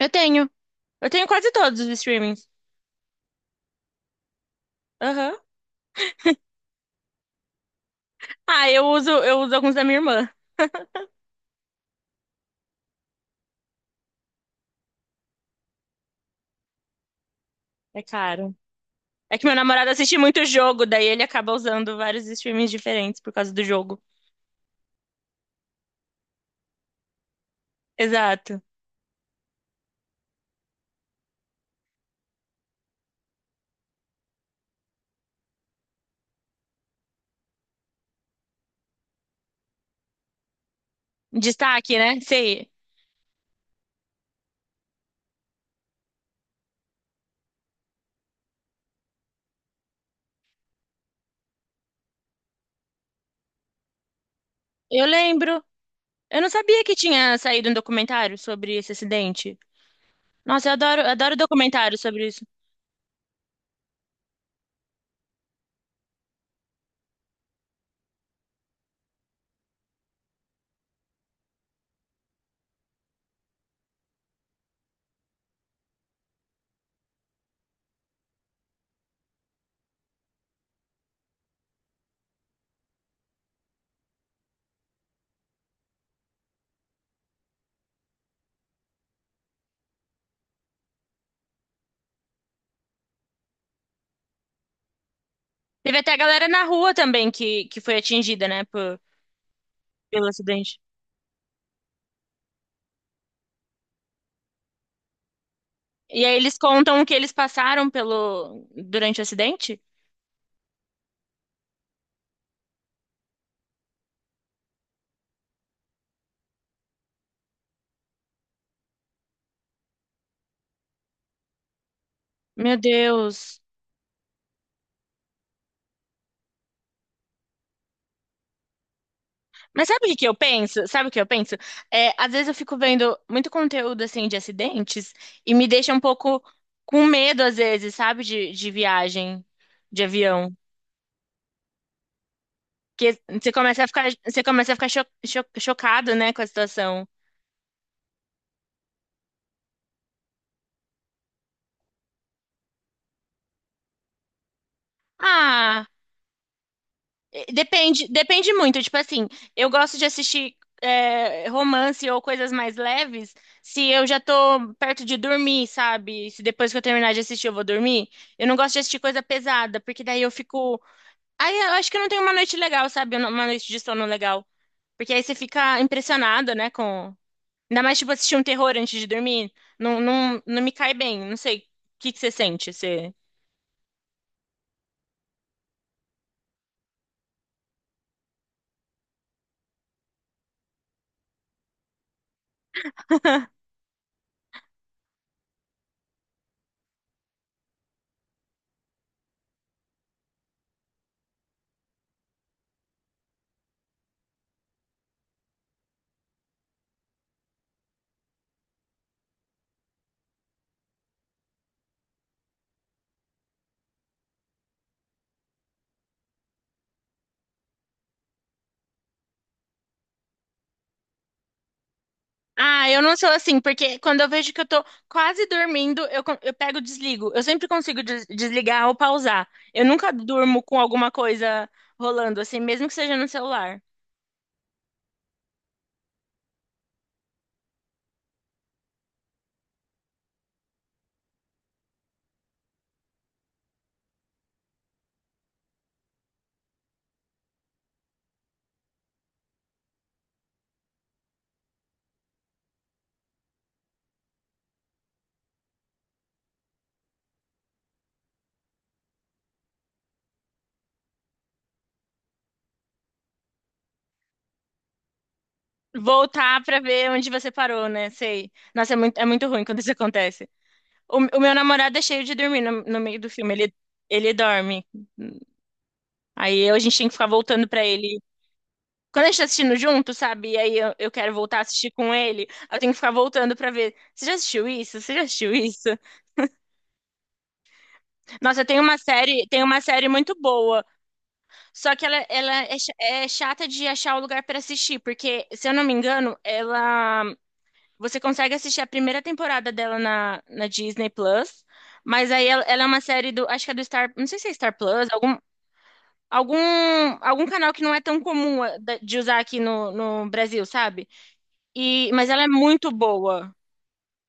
Eu tenho. Eu tenho quase todos os streamings. Aham. Ah, eu uso alguns da minha irmã. É caro. É que meu namorado assiste muito jogo, daí ele acaba usando vários streamings diferentes por causa do jogo. Exato. Destaque, né? Sei. Eu lembro. Eu não sabia que tinha saído um documentário sobre esse acidente. Nossa, eu adoro documentário sobre isso. Teve até a galera na rua também que foi atingida, né, pelo acidente. E aí eles contam o que eles passaram pelo durante o acidente. Meu Deus. Mas sabe o que que eu penso? Sabe o que eu penso? É, às vezes eu fico vendo muito conteúdo assim de acidentes e me deixa um pouco com medo, às vezes, sabe, de viagem, de avião. Porque você começa a ficar, você começa a ficar chocado, né, com a situação. Ah, depende, depende muito. Tipo assim, eu gosto de assistir romance ou coisas mais leves se eu já tô perto de dormir, sabe? Se depois que eu terminar de assistir eu vou dormir. Eu não gosto de assistir coisa pesada, porque daí eu fico. Aí eu acho que eu não tenho uma noite legal, sabe? Uma noite de sono legal. Porque aí você fica impressionado, né? Com... Ainda mais, tipo, assistir um terror antes de dormir. Não, não, não me cai bem. Não sei. O que que você sente? Você... Ah, eu não sou assim, porque quando eu vejo que eu tô quase dormindo, eu, eu pego e desligo. Eu sempre consigo desligar ou pausar. Eu nunca durmo com alguma coisa rolando, assim, mesmo que seja no celular. Voltar pra ver onde você parou, né? Sei. Nossa, é muito ruim quando isso acontece. O meu namorado é cheio de dormir no, no meio do filme. Ele dorme. A gente tem que ficar voltando pra ele. Quando a gente tá assistindo junto, sabe? E aí eu quero voltar a assistir com ele. Eu tenho que ficar voltando pra ver. Você já assistiu isso? Você já assistiu isso? Nossa, tem uma série muito boa. Só que ela é, é chata de achar o lugar pra assistir. Porque, se eu não me engano, ela. Você consegue assistir a primeira temporada dela na Disney Plus. Mas aí ela é uma série do. Acho que é do Star. Não sei se é Star Plus, algum, algum canal que não é tão comum de usar aqui no, no Brasil, sabe? E, mas ela é muito boa.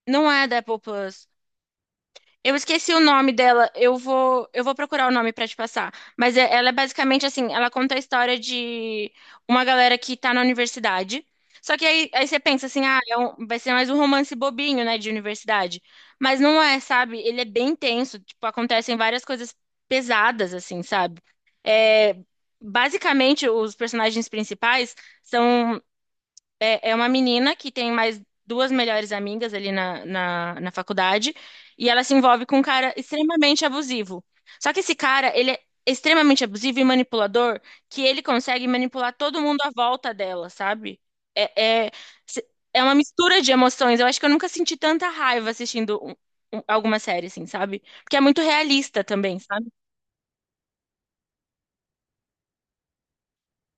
Não é da Apple Plus. Eu esqueci o nome dela. Eu vou procurar o nome pra te passar. Ela é basicamente assim, ela conta a história de uma galera que tá na universidade. Só que aí, aí você pensa assim, ah, vai ser mais um romance bobinho, né, de universidade. Mas não é, sabe? Ele é bem tenso, tipo, acontecem várias coisas pesadas, assim, sabe? É, basicamente, os personagens principais são é uma menina que tem mais duas melhores amigas ali na faculdade, e ela se envolve com um cara extremamente abusivo. Só que esse cara, ele é extremamente abusivo e manipulador, que ele consegue manipular todo mundo à volta dela, sabe? É, é, se- É uma mistura de emoções. Eu acho que eu nunca senti tanta raiva assistindo alguma série, assim, sabe? Porque é muito realista também, sabe?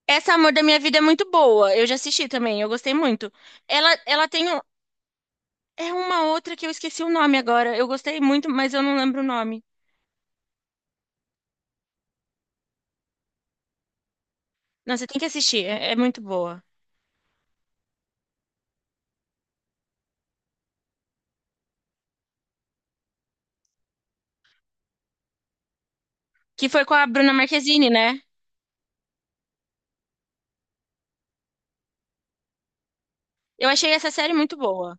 Essa Amor da Minha Vida é muito boa. Eu já assisti também, eu gostei muito. Ela tem é uma outra que eu esqueci o nome agora. Eu gostei muito, mas eu não lembro o nome. Não, você tem que assistir, é, é muito boa. Que foi com a Bruna Marquezine, né? Eu achei essa série muito boa.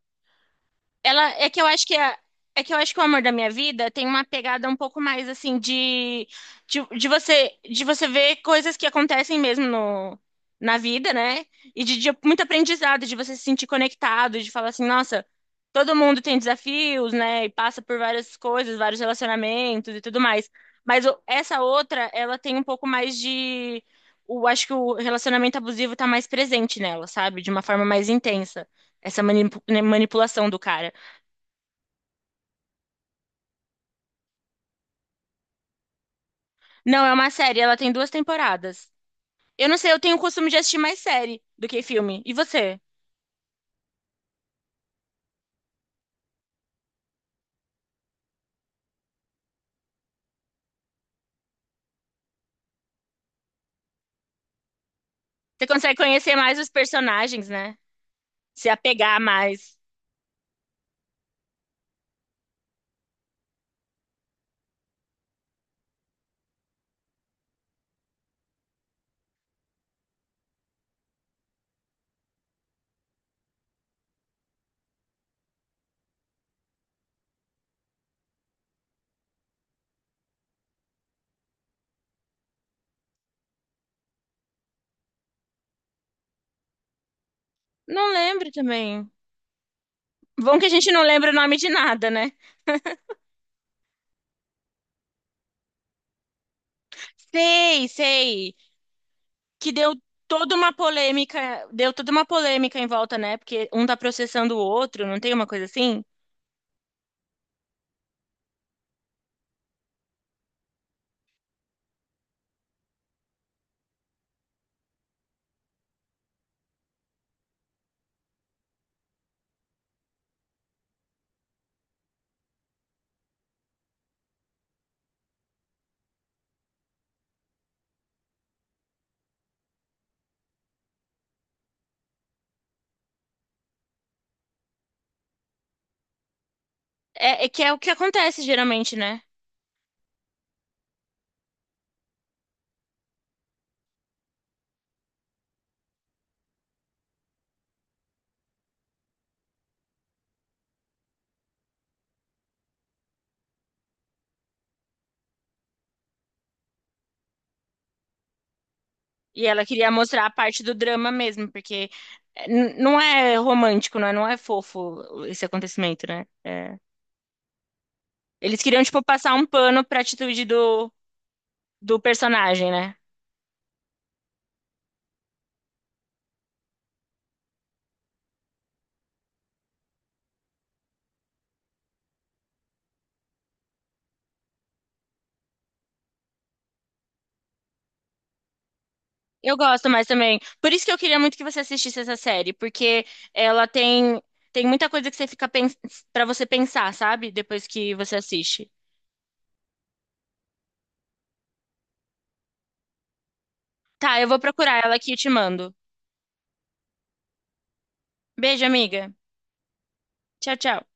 Ela é que eu acho que a- É que eu acho que o Amor da Minha Vida tem uma pegada um pouco mais assim de de você de você ver coisas que acontecem mesmo no na vida, né? E de muito aprendizado, de você se sentir conectado, de falar assim, nossa, todo mundo tem desafios, né? E passa por várias coisas, vários relacionamentos e tudo mais. Essa outra, ela tem um pouco mais de o acho que o relacionamento abusivo tá mais presente nela, sabe? De uma forma mais intensa essa né, manipulação do cara. Não, é uma série, ela tem duas temporadas. Eu não sei, eu tenho o costume de assistir mais série do que filme. E você? Você consegue conhecer mais os personagens, né? Se apegar mais. Não lembro também. Bom que a gente não lembra o nome de nada, né? Sei, sei. Que deu toda uma polêmica, deu toda uma polêmica em volta, né? Porque um tá processando o outro, não tem uma coisa assim? É, é que é o que acontece geralmente, né? E ela queria mostrar a parte do drama mesmo, porque não é romântico, não é, não é fofo esse acontecimento, né? É. Eles queriam, tipo, passar um pano pra atitude do, do personagem, né? Eu gosto mais também. Por isso que eu queria muito que você assistisse essa série, porque ela tem, tem muita coisa que você fica pens pra você pensar, sabe? Depois que você assiste. Tá, eu vou procurar ela aqui e te mando. Beijo, amiga. Tchau, tchau.